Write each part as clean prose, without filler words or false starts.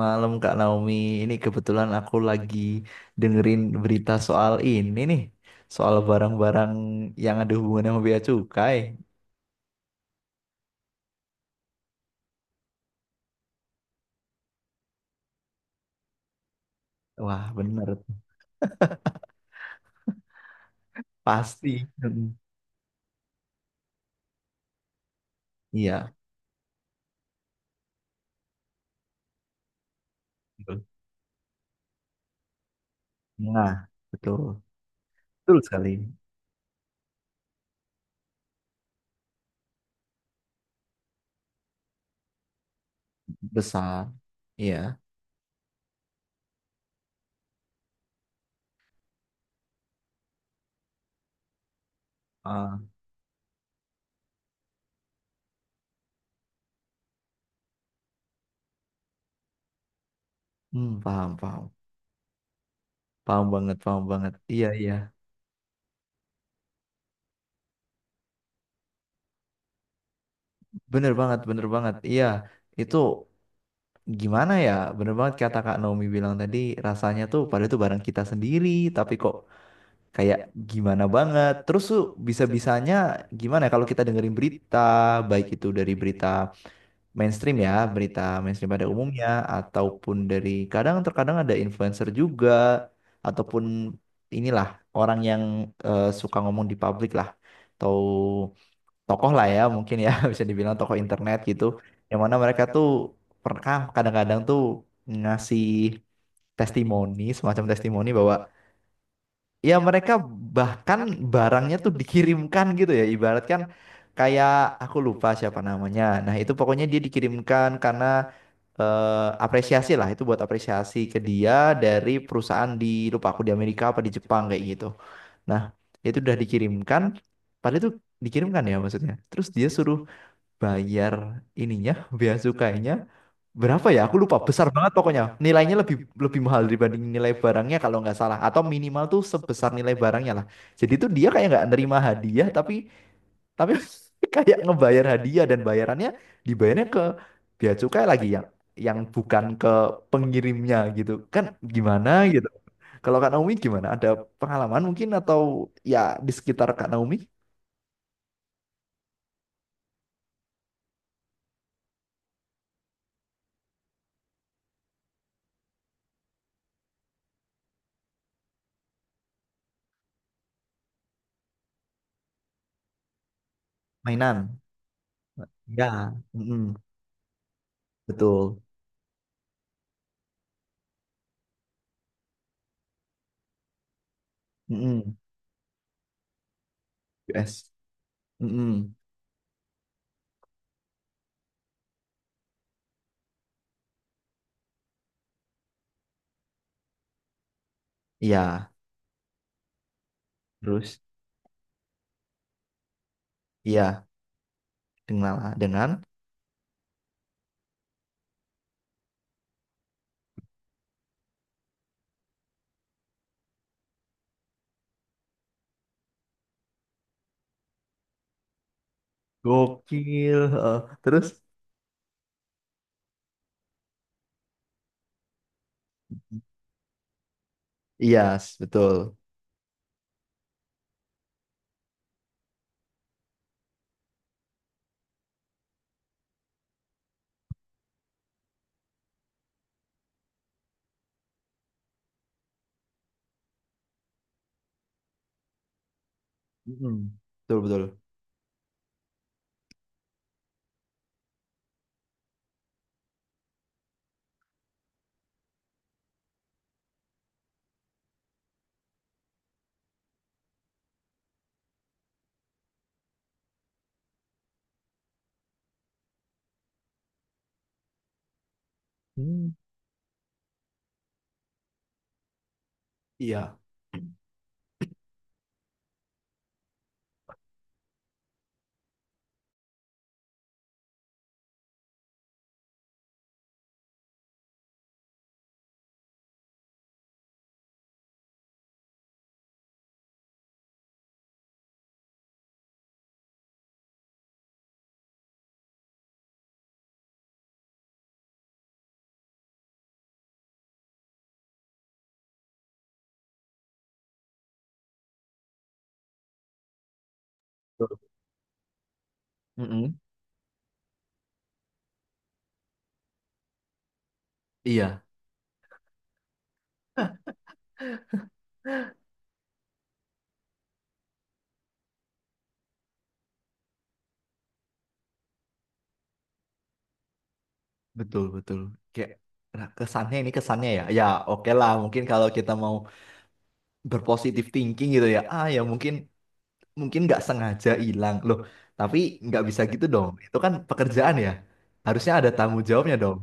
Malam Kak Naomi, ini kebetulan aku lagi dengerin berita soal ini nih, soal barang-barang yang ada hubungannya sama bea cukai. Wah, bener, pasti. Mm, iya, betul. Nah, betul, betul sekali. Besar, iya. Ah, hmm, paham, paham, paham banget, paham banget. Iya, iya, bener banget, bener banget. Iya, itu gimana ya? Bener banget kata Kak Naomi bilang tadi, rasanya tuh pada itu barang kita sendiri, tapi kok kayak gimana banget. Terus tuh bisa-bisanya gimana ya kalau kita dengerin berita, baik itu dari berita mainstream ya, berita mainstream pada umumnya, ataupun dari kadang terkadang ada influencer juga, ataupun inilah orang yang suka ngomong di publik lah, atau tokoh lah ya mungkin ya bisa dibilang tokoh internet gitu, yang mana mereka tuh pernah kadang-kadang tuh ngasih testimoni, semacam testimoni bahwa ya mereka bahkan barangnya tuh dikirimkan gitu ya ibaratkan kayak aku lupa siapa namanya nah itu pokoknya dia dikirimkan karena eh, apresiasi lah itu buat apresiasi ke dia dari perusahaan di lupa aku di Amerika apa di Jepang kayak gitu nah itu udah dikirimkan padahal itu dikirimkan ya maksudnya terus dia suruh bayar ininya bea cukainya berapa ya? Aku lupa. Besar banget pokoknya. Nilainya lebih lebih mahal dibanding nilai barangnya kalau nggak salah. Atau minimal tuh sebesar nilai barangnya lah. Jadi tuh dia kayak nggak nerima hadiah, tapi tapi kayak ngebayar hadiah dan bayarannya dibayarnya ke bea cukai lagi yang bukan ke pengirimnya gitu. Kan gimana gitu? Kalau Kak Naomi gimana? Ada pengalaman mungkin atau ya di sekitar Kak Naomi? Mainan. Ya. Mm-mm. Betul. Mm-mm. US. Mm-mm. Iya. Terus? Iya, dengan dengan gokil. Terus iya, betul. Mm-mm. Betul, betul. Hmm. Iya. Betul. Mm-mm. Iya, betul, betul. Kayak nah, kesannya ini kesannya ya. Ya, oke lah, mungkin kalau kita mau berpositif thinking gitu ya. Ah, ya mungkin mungkin nggak sengaja hilang. Loh, tapi nggak bisa gitu dong. Itu kan pekerjaan ya. Harusnya ada tanggung jawabnya dong.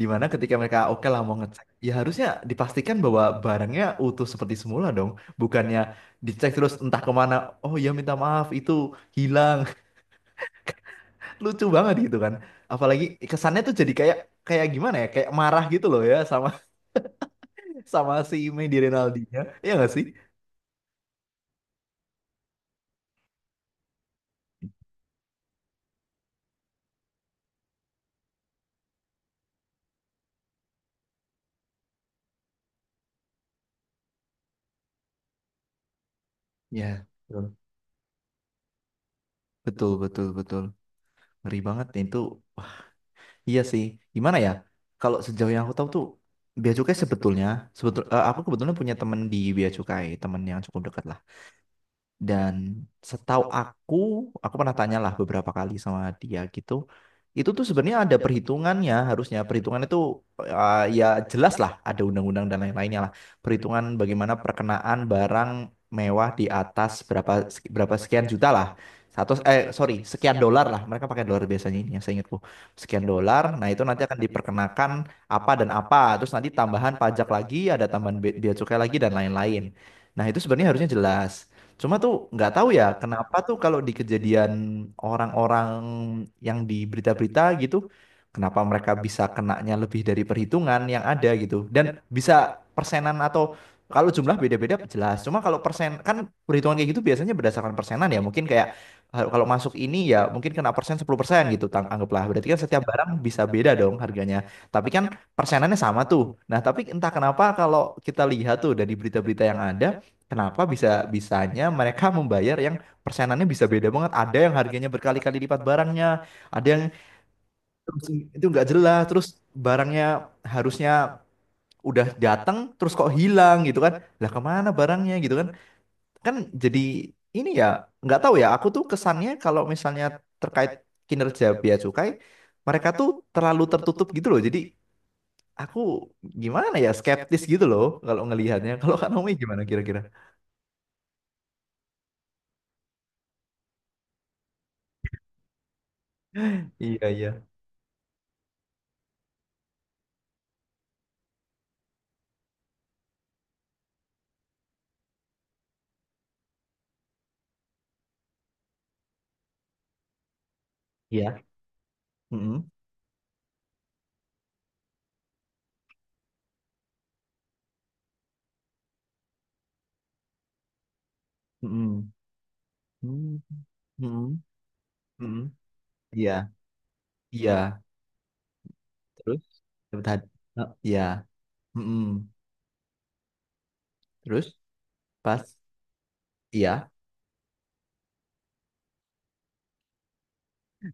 Dimana ketika mereka oke lah mau ngecek, ya harusnya dipastikan bahwa barangnya utuh seperti semula dong. Bukannya dicek terus entah kemana, oh ya minta maaf itu hilang. Lucu banget gitu kan. Apalagi kesannya tuh jadi kayak kayak gimana ya, kayak marah gitu loh ya sama sama si Medi Rinaldinya. Iya gak sih? Ya, betul. Betul, betul, betul. Ngeri banget itu. Wah, iya sih. Gimana ya? Kalau sejauh yang aku tahu tuh Bea Cukai sebetulnya, aku kebetulan punya temen di Bea Cukai, temen yang cukup dekat lah. Dan setahu aku pernah tanyalah beberapa kali sama dia gitu. Itu tuh sebenarnya ada perhitungannya harusnya. Perhitungan itu ya jelas lah ada undang-undang dan lain-lainnya lah. Perhitungan bagaimana perkenaan barang mewah di atas berapa berapa sekian juta lah. Sekian dolar lah. Mereka pakai dolar biasanya ini yang saya ingatku. Sekian dolar. Nah, itu nanti akan diperkenakan apa dan apa. Terus nanti tambahan pajak lagi, ada tambahan bea bea cukai lagi dan lain-lain. Nah, itu sebenarnya harusnya jelas. Cuma tuh nggak tahu ya kenapa tuh kalau di kejadian orang-orang yang di berita-berita gitu, kenapa mereka bisa kenanya lebih dari perhitungan yang ada gitu. Dan bisa persenan atau kalau jumlah beda-beda jelas. Cuma kalau persen kan perhitungan kayak gitu biasanya berdasarkan persenan ya. Mungkin kayak kalau masuk ini ya mungkin kena persen 10% gitu anggaplah. Berarti kan setiap barang bisa beda dong harganya. Tapi kan persenannya sama tuh. Nah, tapi entah kenapa kalau kita lihat tuh dari berita-berita yang ada. Kenapa bisa bisanya mereka membayar yang persenannya bisa beda banget? Ada yang harganya berkali-kali lipat barangnya, ada yang terus itu nggak jelas, terus barangnya harusnya udah datang, terus kok hilang gitu kan? Lah kemana barangnya gitu kan? Kan jadi ini ya nggak tahu ya. Aku tuh kesannya kalau misalnya terkait kinerja bea cukai, mereka tuh terlalu tertutup gitu loh. Jadi aku gimana ya skeptis gitu loh kalau ngelihatnya. Kalau Kak Naomi gimana kira-kira? Iya, iya. Iya. Mm-mm. Mm-mm. Hmm, mm-mm, mm-mm. Iya, iya. Terus dapat hadiah. Eh, iya. Mm-mm. Terus pas iya.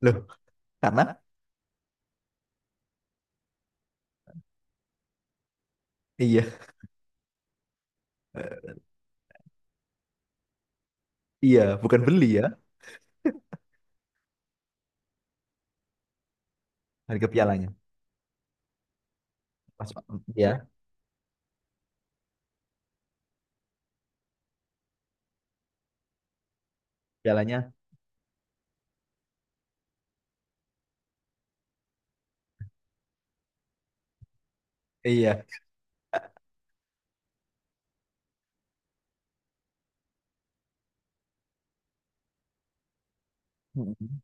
Loh, karena iya. Eh, iya, bukan beli ya harga pialanya. Pas iya, pialanya iya. Mm-mm.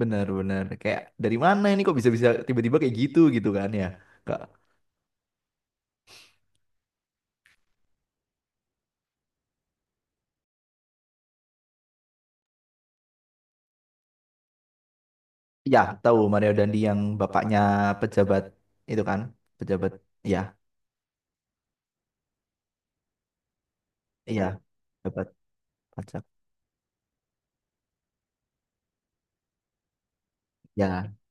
Benar-benar kayak dari mana ini kok bisa-bisa tiba-tiba kayak gitu gitu kan ya. Kak. Ya, tahu Mario Dandi yang bapaknya pejabat itu kan, pejabat. Ya, iya, pejabat pajak. Ya,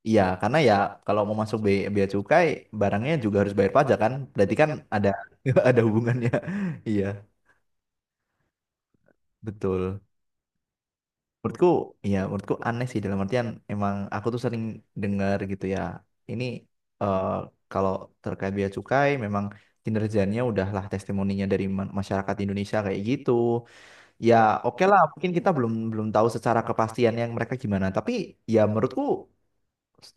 iya karena ya kalau mau masuk bea cukai barangnya juga harus bayar pajak kan. Berarti kan ada ada hubungannya. Iya, betul. Menurutku, iya menurutku aneh sih dalam artian emang aku tuh sering dengar gitu ya. Ini eh, kalau terkait bea cukai memang kinerjanya udahlah testimoninya dari masyarakat Indonesia kayak gitu. Ya, oke lah mungkin kita belum belum tahu secara kepastian yang mereka gimana, tapi ya menurutku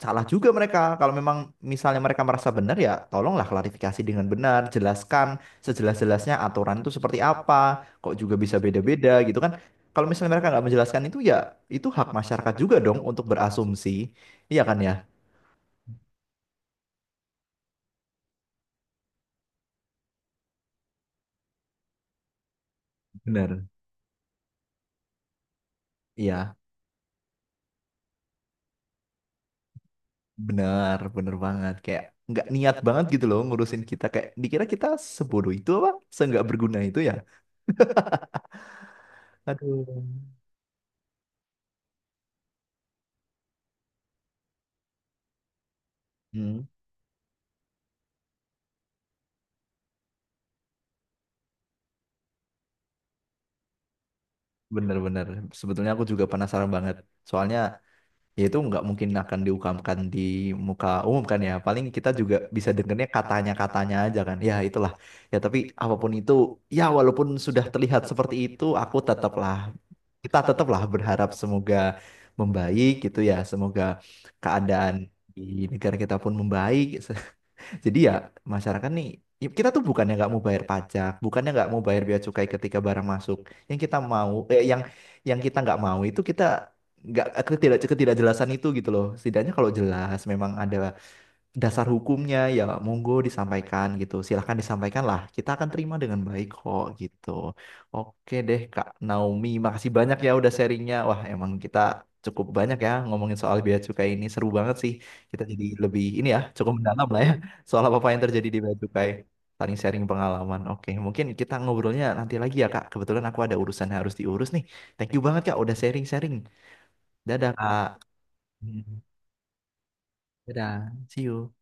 salah juga mereka. Kalau memang misalnya mereka merasa benar ya tolonglah klarifikasi dengan benar, jelaskan sejelas-jelasnya aturan itu seperti apa, kok juga bisa beda-beda gitu kan. Kalau misalnya mereka nggak menjelaskan itu ya itu hak masyarakat juga dong untuk berasumsi. Iya kan ya? Benar. Iya, benar, benar banget. Kayak nggak niat banget gitu loh ngurusin kita. Kayak dikira kita sebodoh itu apa? Seenggak berguna itu ya. Aduh. Hmm, bener-bener. Sebetulnya aku juga penasaran banget. Soalnya ya itu nggak mungkin akan diungkapkan di muka umum kan ya, paling kita juga bisa dengernya katanya-katanya aja kan ya itulah. Ya tapi apapun itu, ya walaupun sudah terlihat seperti itu aku tetaplah kita tetaplah berharap semoga membaik gitu ya, semoga keadaan di negara kita pun membaik. Jadi ya masyarakat nih ya, kita tuh bukannya nggak mau bayar pajak, bukannya nggak mau bayar bea cukai ketika barang masuk. Yang kita mau, yang kita nggak mau itu kita nggak ketidakjelasan itu gitu loh. Setidaknya kalau jelas memang ada dasar hukumnya ya monggo disampaikan gitu. Silahkan disampaikan lah. Kita akan terima dengan baik kok gitu. Oke deh Kak Naomi, makasih banyak ya udah sharingnya. Wah emang kita cukup banyak ya ngomongin soal bea cukai ini. Seru banget sih. Kita jadi lebih ini ya cukup mendalam lah ya soal apa-apa yang terjadi di bea cukai. Saling sharing pengalaman. Oke, mungkin kita ngobrolnya nanti lagi ya Kak. Kebetulan aku ada urusan yang harus diurus nih. Thank you banget Kak udah sharing-sharing. Dadah Kak. Dadah. See you.